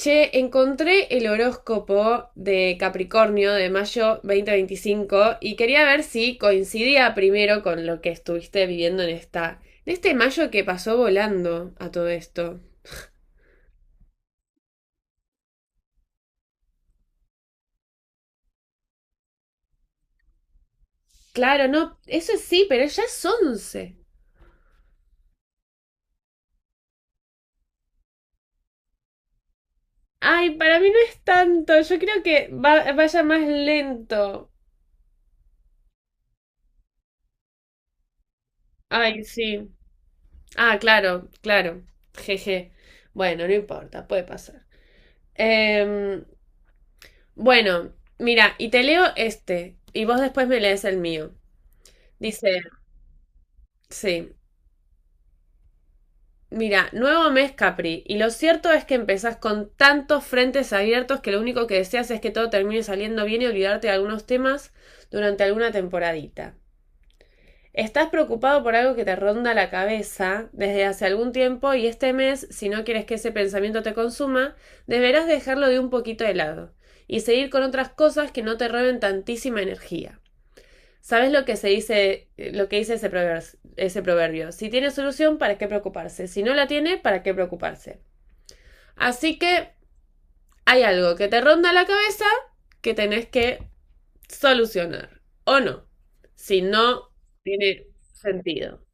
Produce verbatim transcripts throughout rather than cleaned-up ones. Che, encontré el horóscopo de Capricornio de mayo dos mil veinticinco y quería ver si coincidía primero con lo que estuviste viviendo en esta, en este mayo que pasó volando a todo esto. Claro, no, eso sí, pero ya es once. Ay, para mí no es tanto, yo creo que va- vaya más lento. Ay, sí. Ah, claro, claro. Jeje. Bueno, no importa, puede pasar. Em, Bueno, mira, y te leo este, y vos después me lees el mío. Dice, sí, mira, nuevo mes Capri, y lo cierto es que empezás con tantos frentes abiertos que lo único que deseas es que todo termine saliendo bien y olvidarte de algunos temas durante alguna temporadita. Estás preocupado por algo que te ronda la cabeza desde hace algún tiempo y este mes, si no quieres que ese pensamiento te consuma, deberás dejarlo de un poquito de lado y seguir con otras cosas que no te roben tantísima energía. ¿Sabes lo que se dice, eh, lo que dice ese proverbio, ese proverbio? Si tiene solución, ¿para qué preocuparse? Si no la tiene, ¿para qué preocuparse? Así que hay algo que te ronda la cabeza que tenés que solucionar. ¿O no? Si no tiene sentido.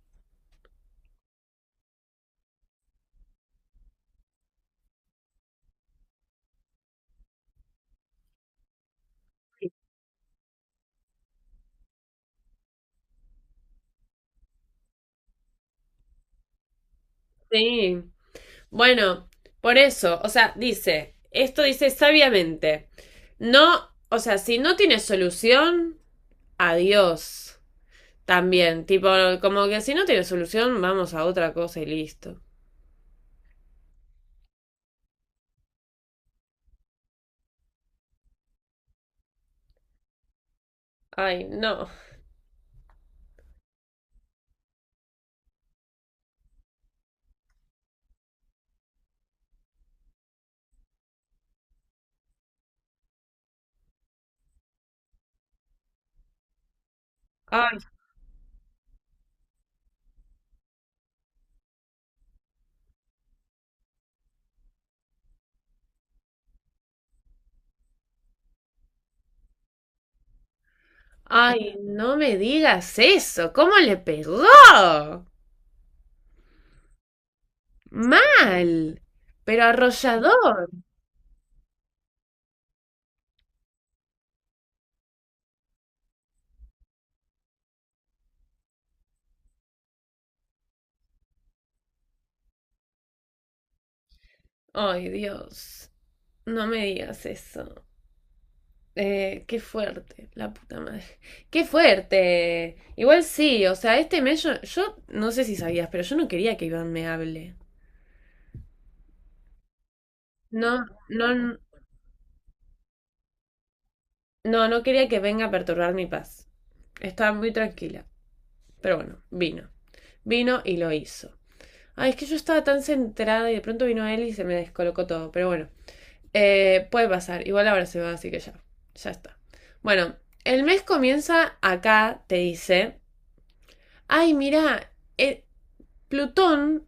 Sí. Bueno, por eso, o sea, dice, esto dice sabiamente. No, o sea, si no tiene solución, adiós. También, tipo, como que si no tiene solución, vamos a otra cosa y listo. Ay, no. Ay, ay, no me digas eso. ¿Cómo le pegó? Mal, pero arrollador. Ay, Dios, no me digas eso. Eh, qué fuerte, la puta madre. Qué fuerte. Igual sí, o sea, este mes yo, yo no sé si sabías, pero yo no quería que Iván me hable. No, no, no, no quería que venga a perturbar mi paz. Estaba muy tranquila. Pero bueno, vino. Vino y lo hizo. Ay, es que yo estaba tan centrada y de pronto vino él y se me descolocó todo. Pero bueno, eh, puede pasar. Igual ahora se va, así que ya. Ya está. Bueno, el mes comienza acá, te dice. Ay, mira, eh, Plutón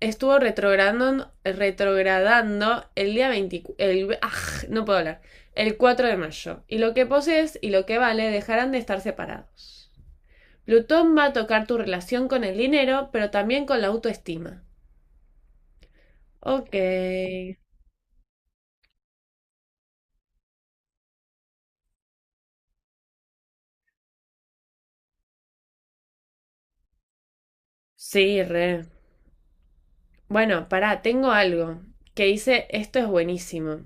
estuvo retrogradando, retrogradando el día veinticuatro. El, aj, no puedo hablar. El cuatro de mayo. Y lo que posees y lo que vale dejarán de estar separados. Plutón va a tocar tu relación con el dinero, pero también con la autoestima. Ok. Sí, re. Bueno, pará, tengo algo que dice, esto es buenísimo.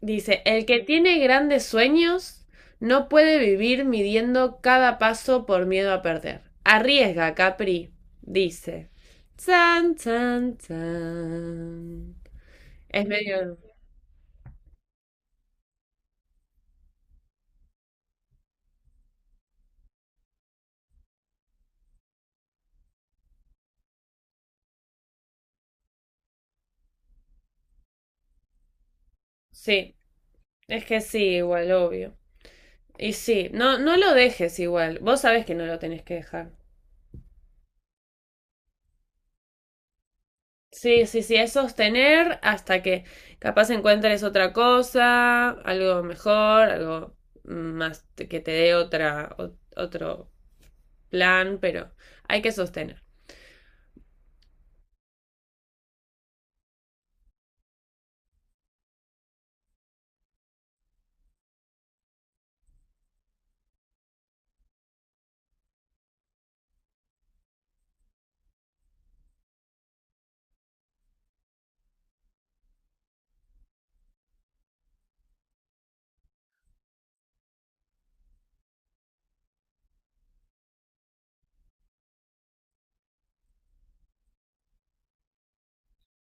Dice, el que tiene grandes sueños no puede vivir midiendo cada paso por miedo a perder. Arriesga, Capri, dice. Chan, chan, chan. Es medio... Sí, es que sí, igual, obvio. Y sí, no, no lo dejes igual. Vos sabés que no lo tenés que dejar. Sí, sí, sí, es sostener hasta que capaz encuentres otra cosa, algo mejor, algo más te- que te dé otra, o- otro plan, pero hay que sostener.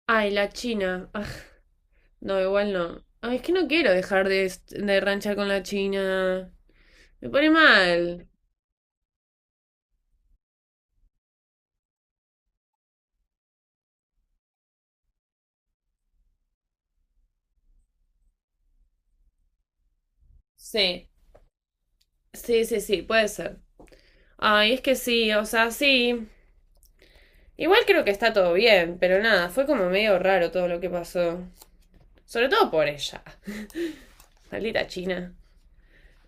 Ay, la China. Aj, no, igual no. Ay, es que no quiero dejar de, est- de ranchar con la China. Me pone mal. Sí, sí, sí, sí, puede ser. Ay, es que sí, o sea, sí. Igual creo que está todo bien, pero nada, fue como medio raro todo lo que pasó. Sobre todo por ella. Maldita China.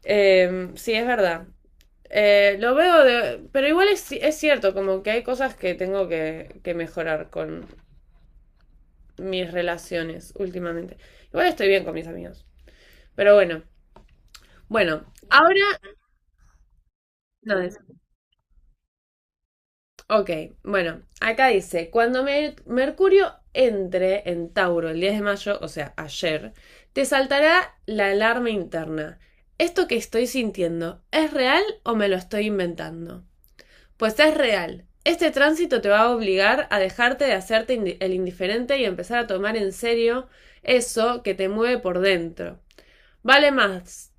Eh, sí, es verdad. Eh, lo veo de... Pero igual es, es cierto, como que hay cosas que tengo que, que mejorar con mis relaciones últimamente. Igual estoy bien con mis amigos. Pero bueno. Bueno, ahora... No, ok, bueno, acá dice, cuando Mer- Mercurio entre en Tauro el diez de mayo, o sea, ayer, te saltará la alarma interna. ¿Esto que estoy sintiendo es real o me lo estoy inventando? Pues es real. Este tránsito te va a obligar a dejarte de hacerte indi- el indiferente y empezar a tomar en serio eso que te mueve por dentro. Vale más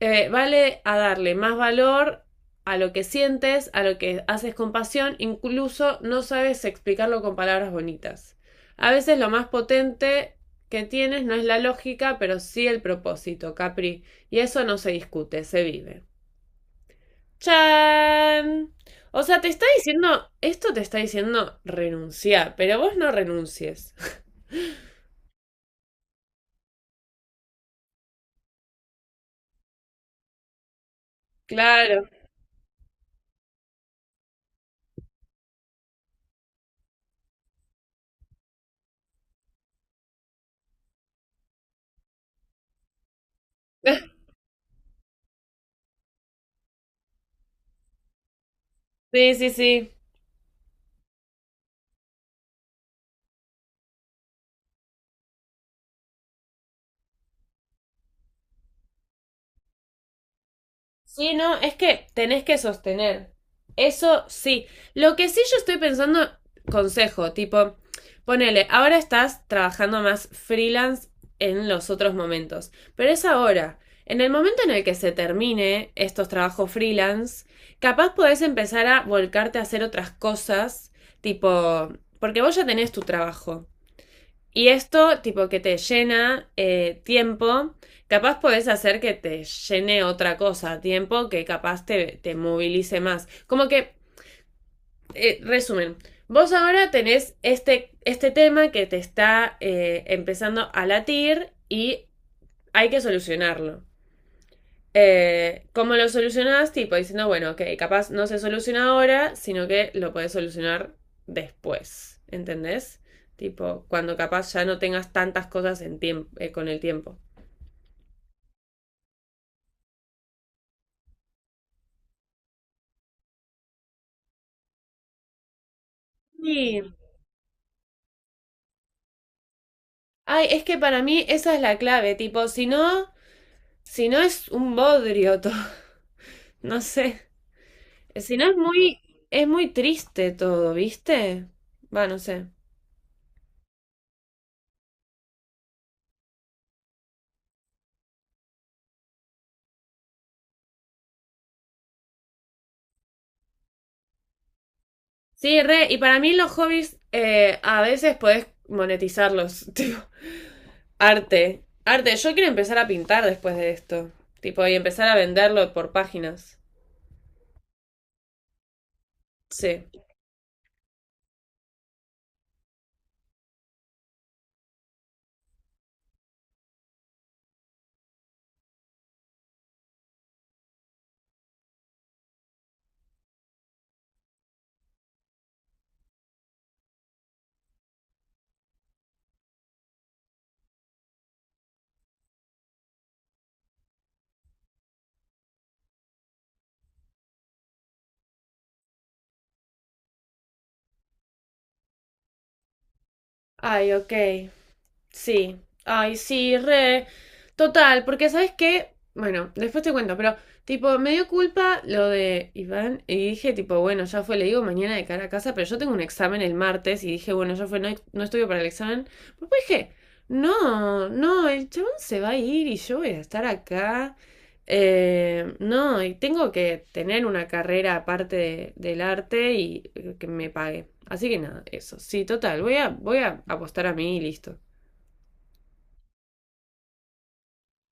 eh, vale a darle más valor a lo que sientes, a lo que haces con pasión, incluso no sabes explicarlo con palabras bonitas. A veces lo más potente que tienes no es la lógica, pero sí el propósito, Capri. Y eso no se discute, se vive. ¡Chan! O sea, te está diciendo, esto te está diciendo renunciar, pero vos no renuncies. Claro. Sí, sí, sí. Sí, no, es que tenés que sostener. Eso sí. Lo que sí yo estoy pensando, consejo, tipo, ponele, ahora estás trabajando más freelance en los otros momentos, pero es ahora. En el momento en el que se termine estos trabajos freelance, capaz podés empezar a volcarte a hacer otras cosas, tipo, porque vos ya tenés tu trabajo. Y esto, tipo, que te llena eh, tiempo, capaz podés hacer que te llene otra cosa, tiempo que capaz te, te movilice más. Como que, eh, resumen, vos ahora tenés este, este tema que te está eh, empezando a latir y hay que solucionarlo. Eh, ¿cómo lo solucionás? Tipo diciendo, bueno, ok, capaz no se soluciona ahora, sino que lo puedes solucionar después, ¿entendés? Tipo, cuando capaz ya no tengas tantas cosas en tiemp- eh, con el tiempo. Sí. Ay, es que para mí esa es la clave, tipo, si no, si no es un bodrio todo, no sé, si no es muy, es muy triste todo, ¿viste? Va, no sé. Sí, re, y para mí los hobbies eh, a veces podés monetizarlos, tipo. Arte. Arte. Yo quiero empezar a pintar después de esto. Tipo, y empezar a venderlo por páginas. Sí. Ay, ok. Sí, ay, sí, re. Total, porque ¿sabes qué? Bueno, después te cuento, pero tipo, me dio culpa lo de Iván y dije, tipo, bueno, ya fue, le digo mañana de cara a casa, pero yo tengo un examen el martes y dije, bueno, ya fue, no, no estudio para el examen. Pero después dije, no, no, el chabón se va a ir y yo voy a estar acá. Eh, no, y tengo que tener una carrera aparte de- del arte y eh, que me pague. Así que nada, eso. Sí, total, voy a, voy a apostar a mí y listo.